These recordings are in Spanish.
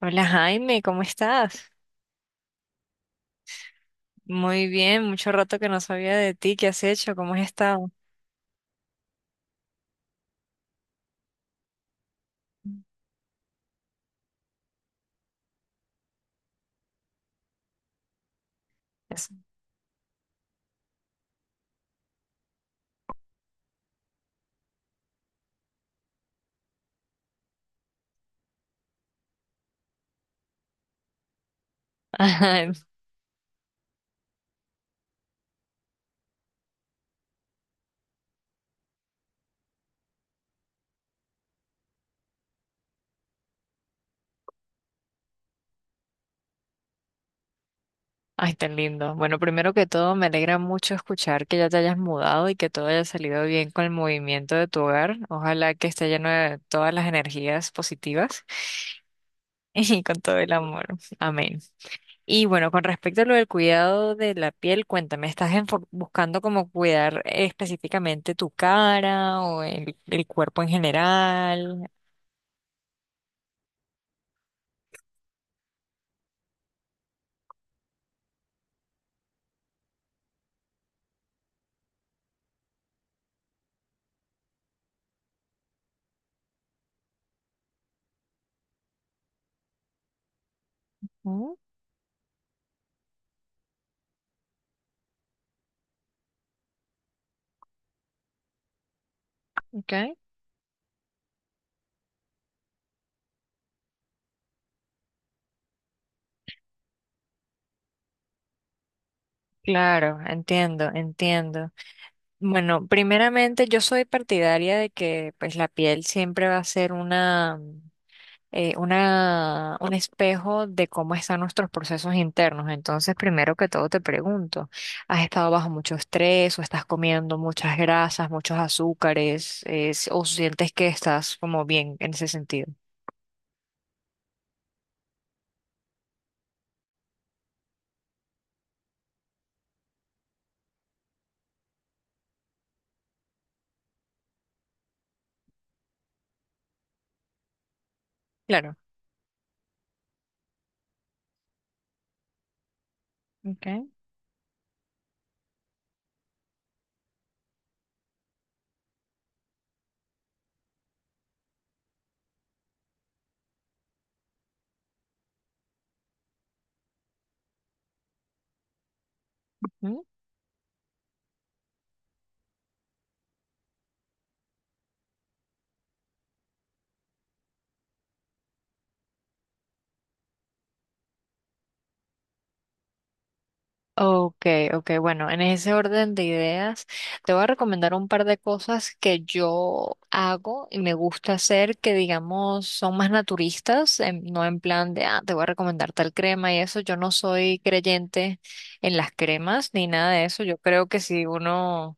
Hola Jaime, ¿cómo estás? Muy bien, mucho rato que no sabía de ti, ¿qué has hecho? ¿Cómo has estado? Eso. Ay, ay, tan lindo. Bueno, primero que todo, me alegra mucho escuchar que ya te hayas mudado y que todo haya salido bien con el movimiento de tu hogar. Ojalá que esté lleno de todas las energías positivas y con todo el amor. Amén. Y bueno, con respecto a lo del cuidado de la piel, cuéntame, ¿ buscando como cuidar específicamente tu cara o el cuerpo en general? Mm. Okay. Claro, entiendo, entiendo. Bueno, primeramente yo soy partidaria de que pues la piel siempre va a ser una, un espejo de cómo están nuestros procesos internos. Entonces, primero que todo te pregunto, ¿has estado bajo mucho estrés o estás comiendo muchas grasas, muchos azúcares, o sientes que estás como bien en ese sentido? Claro. Okay. Ok, ok, bueno, en ese orden de ideas, te voy a recomendar un par de cosas que yo hago y me gusta hacer que, digamos, son más naturistas, no en plan de, ah, te voy a recomendar tal crema y eso. Yo no soy creyente en las cremas ni nada de eso. Yo creo que sí, uno,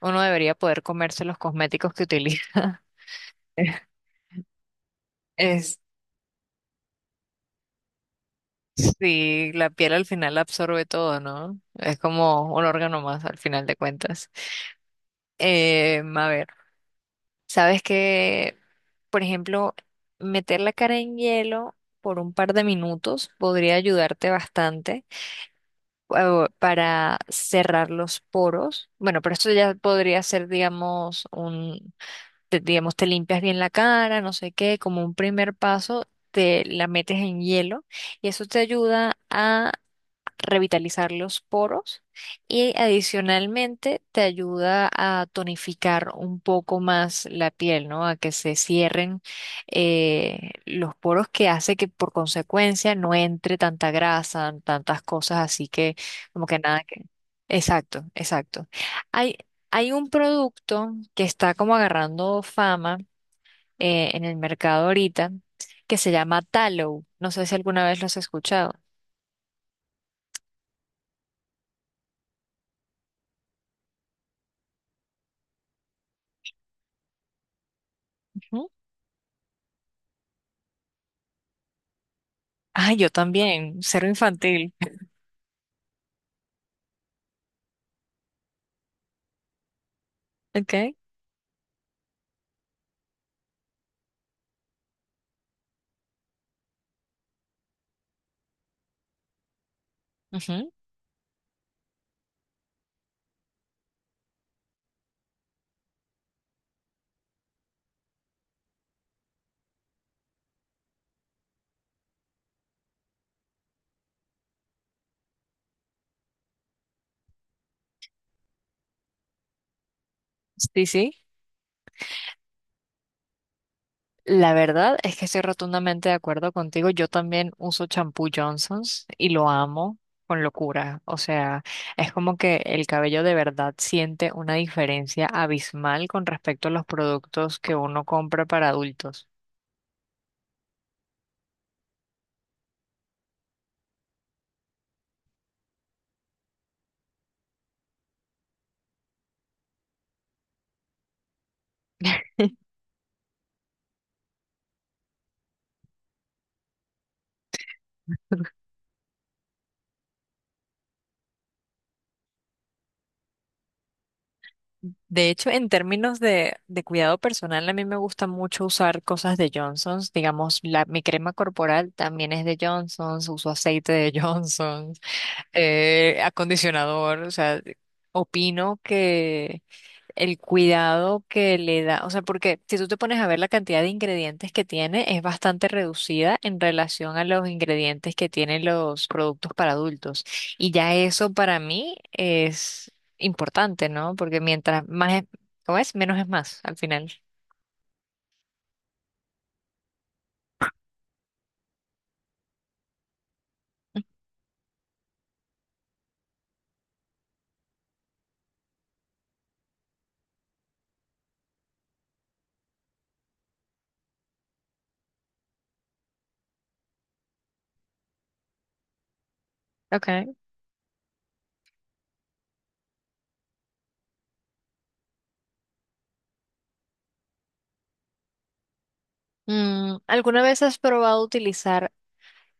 uno debería poder comerse los cosméticos que utiliza. Es, sí, la piel al final absorbe todo, ¿no? Es como un órgano más al final de cuentas. A ver. Sabes que, por ejemplo, meter la cara en hielo por un par de minutos podría ayudarte bastante para cerrar los poros. Bueno, pero esto ya podría ser, digamos, digamos, te limpias bien la cara, no sé qué, como un primer paso, te la metes en hielo y eso te ayuda revitalizar los poros y adicionalmente te ayuda a tonificar un poco más la piel, ¿no? A que se cierren los poros, que hace que por consecuencia no entre tanta grasa, tantas cosas así que como que nada que... Exacto, exacto. Hay, hay un producto que está como agarrando fama en el mercado ahorita que se llama Tallow. No sé si alguna vez lo has escuchado. Ah, yo también, cero infantil. Ok. Ujú, sí, sí. La verdad es que estoy rotundamente de acuerdo contigo. Yo también uso champú Johnson's y lo amo con locura. O sea, es como que el cabello de verdad siente una diferencia abismal con respecto a los productos que uno compra para adultos. De hecho, en términos de cuidado personal, a mí me gusta mucho usar cosas de Johnson's. Digamos, la, mi crema corporal también es de Johnson's, uso aceite de Johnson's, acondicionador. O sea, opino que el cuidado que le da, o sea, porque si tú te pones a ver la cantidad de ingredientes que tiene, es bastante reducida en relación a los ingredientes que tienen los productos para adultos. Y ya eso para mí es importante, ¿no? Porque mientras más es, ¿cómo es? Menos es más al final. Okay. Mm, ¿alguna vez has probado utilizar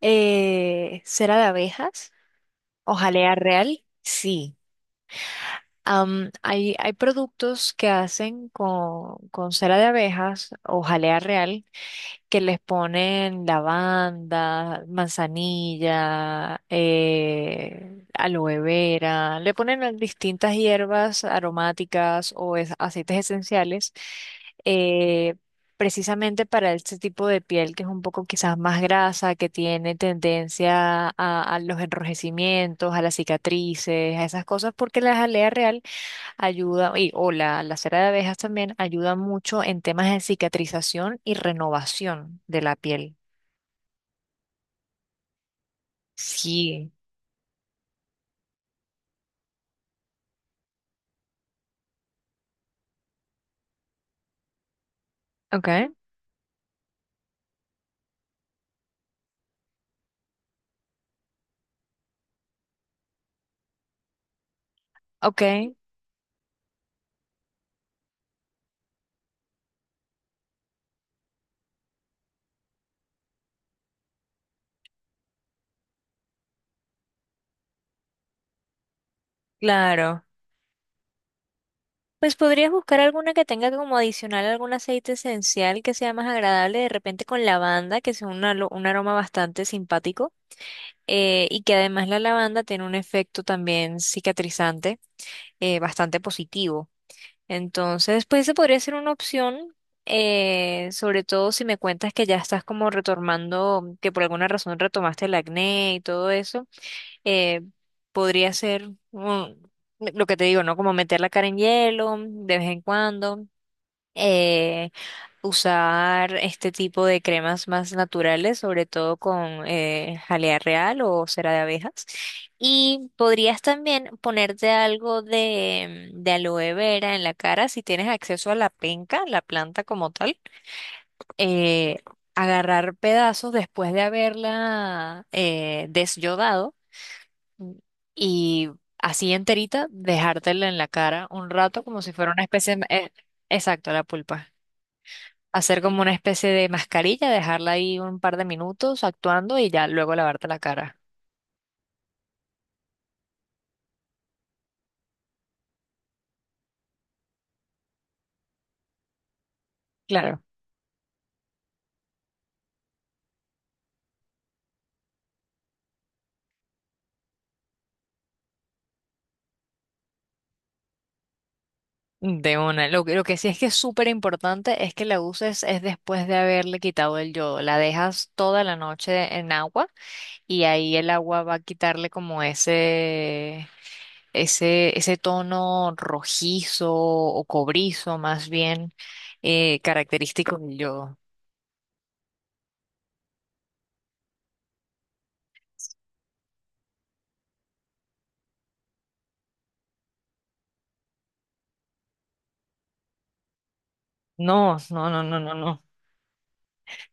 cera de abejas o jalea real? Sí. Hay productos que hacen con cera de abejas o jalea real, que les ponen lavanda, manzanilla, aloe vera, le ponen a distintas hierbas aromáticas o aceites esenciales, eh, precisamente para este tipo de piel, que es un poco quizás más grasa, que tiene tendencia a los enrojecimientos, a las cicatrices, a esas cosas, porque la jalea real ayuda, o la cera de abejas también ayuda mucho en temas de cicatrización y renovación de la piel. Sí, ok, ok, claro. Pues podrías buscar alguna que tenga como adicional algún aceite esencial que sea más agradable, de repente con lavanda, que sea un aroma bastante simpático, y que además la lavanda tiene un efecto también cicatrizante bastante positivo. Entonces, pues esa podría ser una opción, sobre todo si me cuentas que ya estás como retomando, que por alguna razón retomaste el acné y todo eso, eh, podría ser lo que te digo, ¿no? Como meter la cara en hielo de vez en cuando. eh, Usar este tipo de cremas más naturales, sobre todo con jalea real o cera de abejas. Y podrías también ponerte algo de, de aloe vera en la cara si tienes acceso a la penca, la planta como tal. Eh, agarrar pedazos después de haberla desyodado, mm, y así enterita, dejártela en la cara un rato como si fuera una especie... exacto, la pulpa, hacer como una especie de mascarilla, dejarla ahí un par de minutos actuando y ya luego lavarte la cara. Claro. De una. Lo que sí es que es súper importante es que la uses es después de haberle quitado el yodo. La dejas toda la noche en agua y ahí el agua va a quitarle como ese tono rojizo o cobrizo más bien, característico del yodo. No, no, no, no, no, no.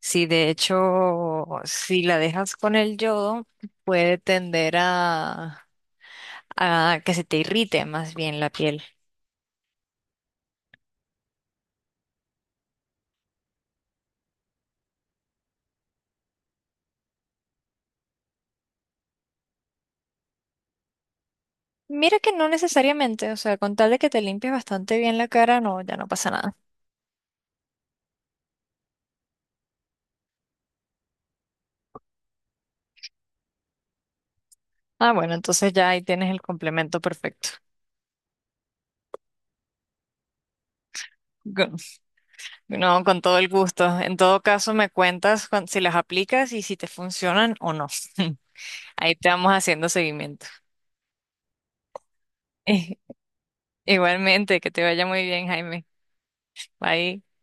Sí, de hecho, si la dejas con el yodo, puede tender a que se te irrite más bien la piel. Mira que no necesariamente, o sea, con tal de que te limpies bastante bien la cara, no, ya no pasa nada. Ah, bueno, entonces ya ahí tienes el complemento perfecto. Con- No, con todo el gusto. En todo caso, me cuentas si las aplicas y si te funcionan o no. Ahí te vamos haciendo seguimiento. Igualmente, que te vaya muy bien, Jaime. Bye.